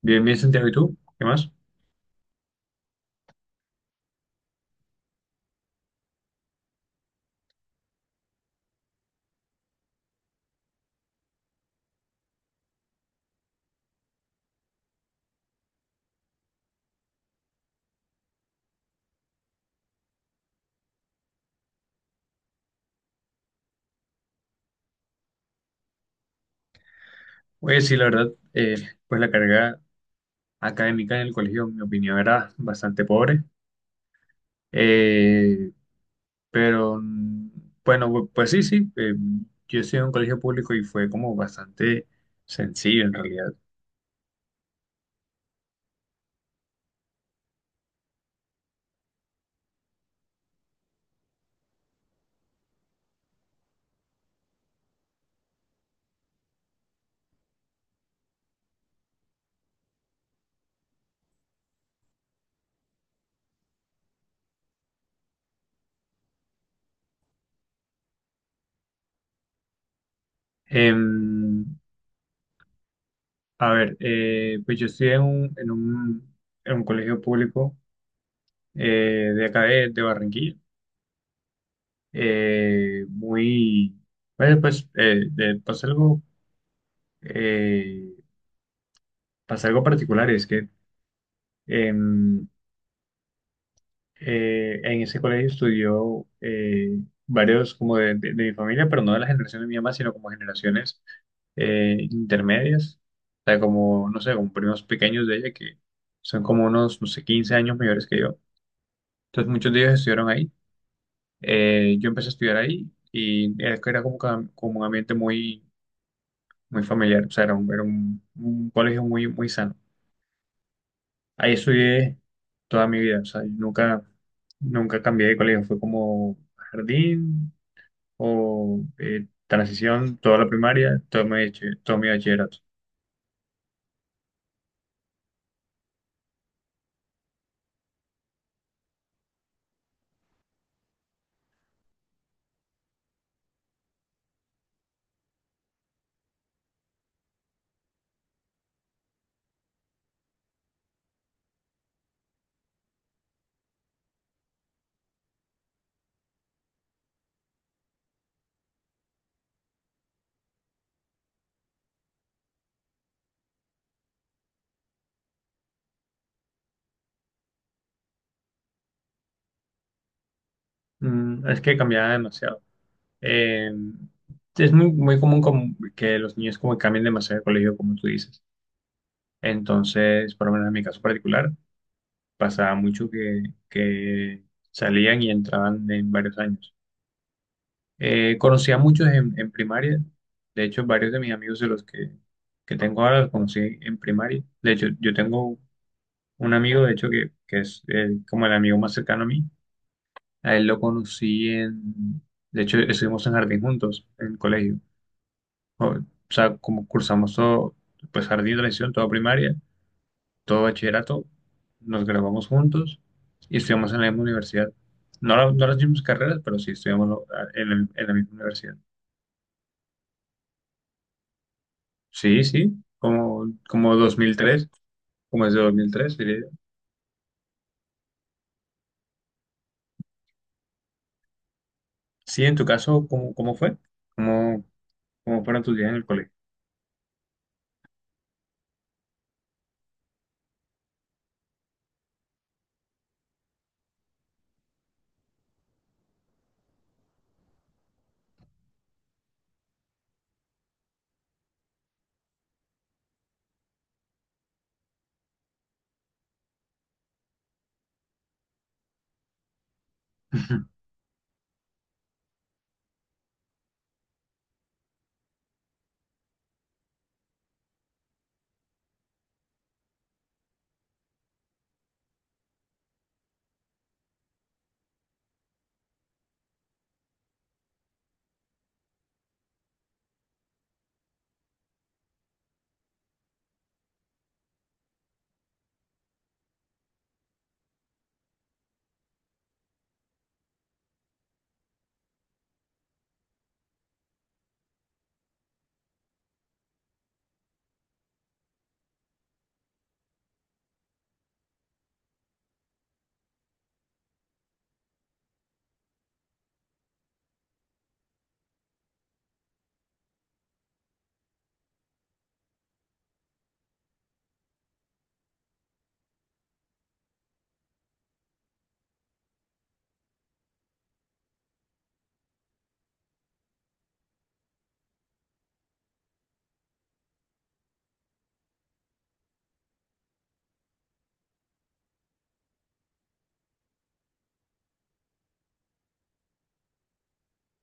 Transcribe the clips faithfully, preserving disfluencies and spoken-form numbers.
Bien, bien, Santiago, ¿y tú? ¿Qué más? Oye, sí, la verdad, eh, pues la carga académica en el colegio, en mi opinión, era bastante pobre. Eh, pero, mm, bueno, pues sí, sí, eh, yo estudié en un colegio público y fue como bastante sencillo en realidad. Em, a ver, eh, pues yo estudié en un, en un, en un colegio público, eh, de acá de, de Barranquilla, eh, muy, bueno, pues, eh, de, pues algo... eh, pasa algo particular, y es que em, eh, en ese colegio estudió, eh, varios como de, de- de mi familia, pero no de la generación de mi mamá, sino como generaciones, eh, intermedias. O sea, como, no sé, como primos pequeños de ella que son como unos, no sé, quince años mayores que yo. Entonces muchos de ellos estudiaron ahí. Eh, yo empecé a estudiar ahí y era era como, que- como un ambiente muy, muy familiar. O sea, era un, era un un colegio muy, muy sano. Ahí estudié toda mi vida. O sea, yo nunca, nunca cambié de colegio, fue como jardín o, eh, transición, toda la primaria, todo mi, bache- todo mi bachillerato. Mm, es que cambiaba demasiado. Eh, es muy, muy común como que los niños como que cambien demasiado de colegio, como tú dices. Entonces, por lo menos en mi caso particular, pasaba mucho que, que salían y entraban en varios años. Eh, conocí a muchos en, en primaria. De hecho, varios de mis amigos de los que, que tengo ahora los conocí en primaria. De hecho, yo tengo un amigo, de hecho, que, que es el- como el amigo más cercano a mí. A él lo conocí en, de hecho, estuvimos en jardín juntos, en el colegio. O, o sea, como cursamos todo, pues jardín, transición, toda primaria, todo bachillerato, nos graduamos juntos y estudiamos en la misma universidad. No, la- no las mismas carreras, pero sí estudiamos lo- en el- en la misma universidad. Sí, sí, como, como dos mil tres, como es de dos mil tres, diría yo. Sí, en tu caso, ¿cómo, cómo fue? ¿Cómo, cómo fueron tus días en el colegio?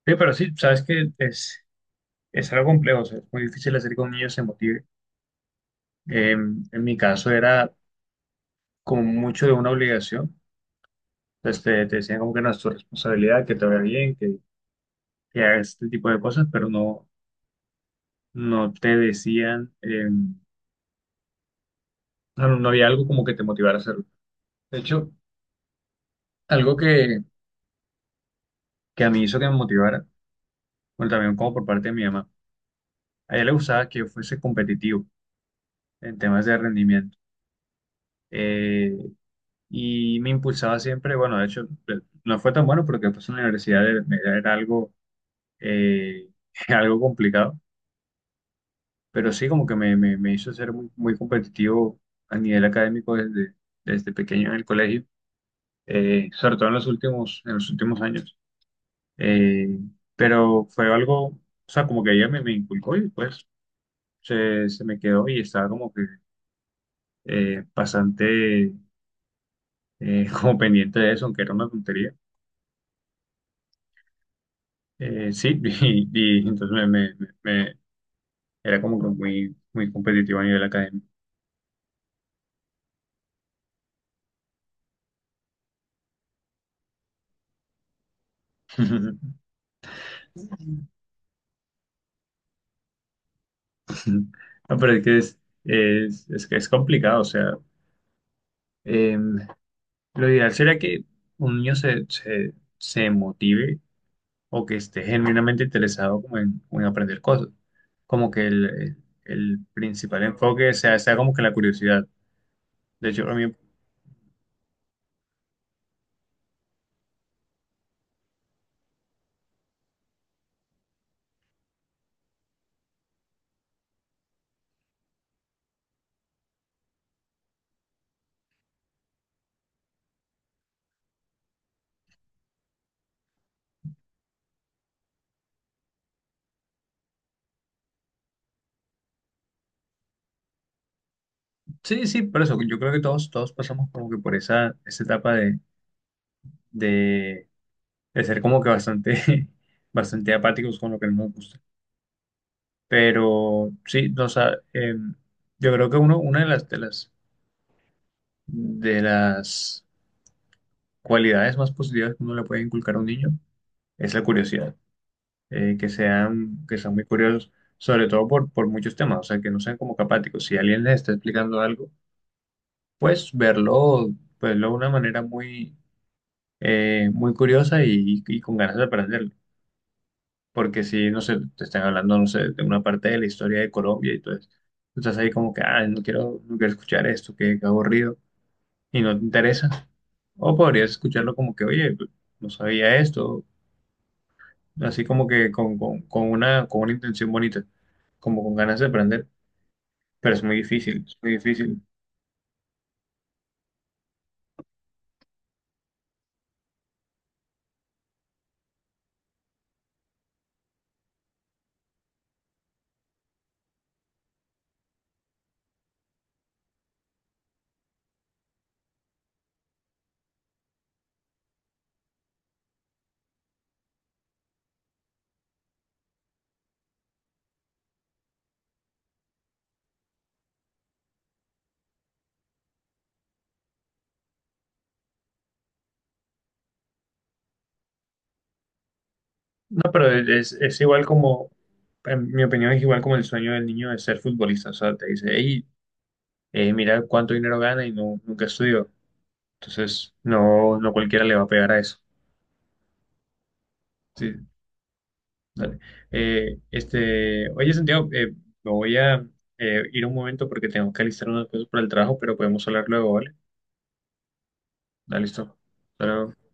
Sí, pero sí, sabes que es, es algo complejo. O sea, es muy difícil hacer que un niño se motive. Eh, en mi caso era como mucho de una obligación. Entonces te, te decían como que no es tu responsabilidad, que te vaya bien, que, que hagas este tipo de cosas, pero no, no te decían, eh, no, no había algo como que te motivara a hacerlo. De hecho, algo que, que a mí hizo que me motivara, bueno, también como por parte de mi mamá. A ella le gustaba que yo fuese competitivo en temas de rendimiento. Eh, y me impulsaba siempre. Bueno, de hecho, eh, no fue tan bueno porque después en la universidad era era algo, eh, algo complicado, pero sí como que me, me, me hizo ser muy, muy competitivo a nivel académico desde, desde pequeño en el colegio, eh, sobre todo en los últimos, en los últimos años. Eh, pero fue algo, o sea, como que ella me, me inculcó y pues se, se me quedó y estaba como que, eh, bastante, eh, como pendiente de eso, aunque era una tontería. Eh, sí, y, y entonces me, me- me- me- era como que muy, muy competitivo a nivel académico. No, pero es que es, es, es que es complicado. O sea, em, lo ideal sería que un niño se, se, se motive o que esté genuinamente interesado como en, como en aprender cosas, como que el, el principal enfoque sea, sea como que la curiosidad. De hecho, a mí... Sí, sí, por eso yo creo que todos, todos pasamos como que por esa, esa etapa de, de, de ser como que bastante, bastante apáticos con lo que no nos gusta. Pero sí, no, o sea, em, yo creo que uno, una de las, de las, de las cualidades más positivas que uno le puede inculcar a un niño es la curiosidad. Eh, que sean, que sean muy curiosos, sobre todo por, por muchos temas. O sea, que no sean como que apáticos. Si alguien les está explicando algo, pues verlo, pues verlo de una manera muy, eh, muy curiosa, y, y con ganas de aprenderlo. Porque si, no sé, te están hablando, no sé, de una parte de la historia de Colombia y todo eso, tú estás ahí como que, ah, no quiero, no quiero escuchar esto, que que aburrido, y no te interesa. O podrías escucharlo como que, oye, pues, no sabía esto, así como que con, con, con una, con una intención bonita, como con ganas de aprender, pero es muy difícil, es muy difícil. No, pero es, es igual como, en mi opinión es igual como el sueño del niño de ser futbolista. O sea, te dice, hey, es mirar cuánto dinero gana y no, nunca estudió. Entonces, no, no cualquiera le va a pegar a eso. Sí, dale. Eh, este, oye, Santiago, eh, me voy a, eh, ir un momento porque tengo que alistar unas cosas para el trabajo, pero podemos hablar luego, ¿vale? Dale, listo. Hasta luego.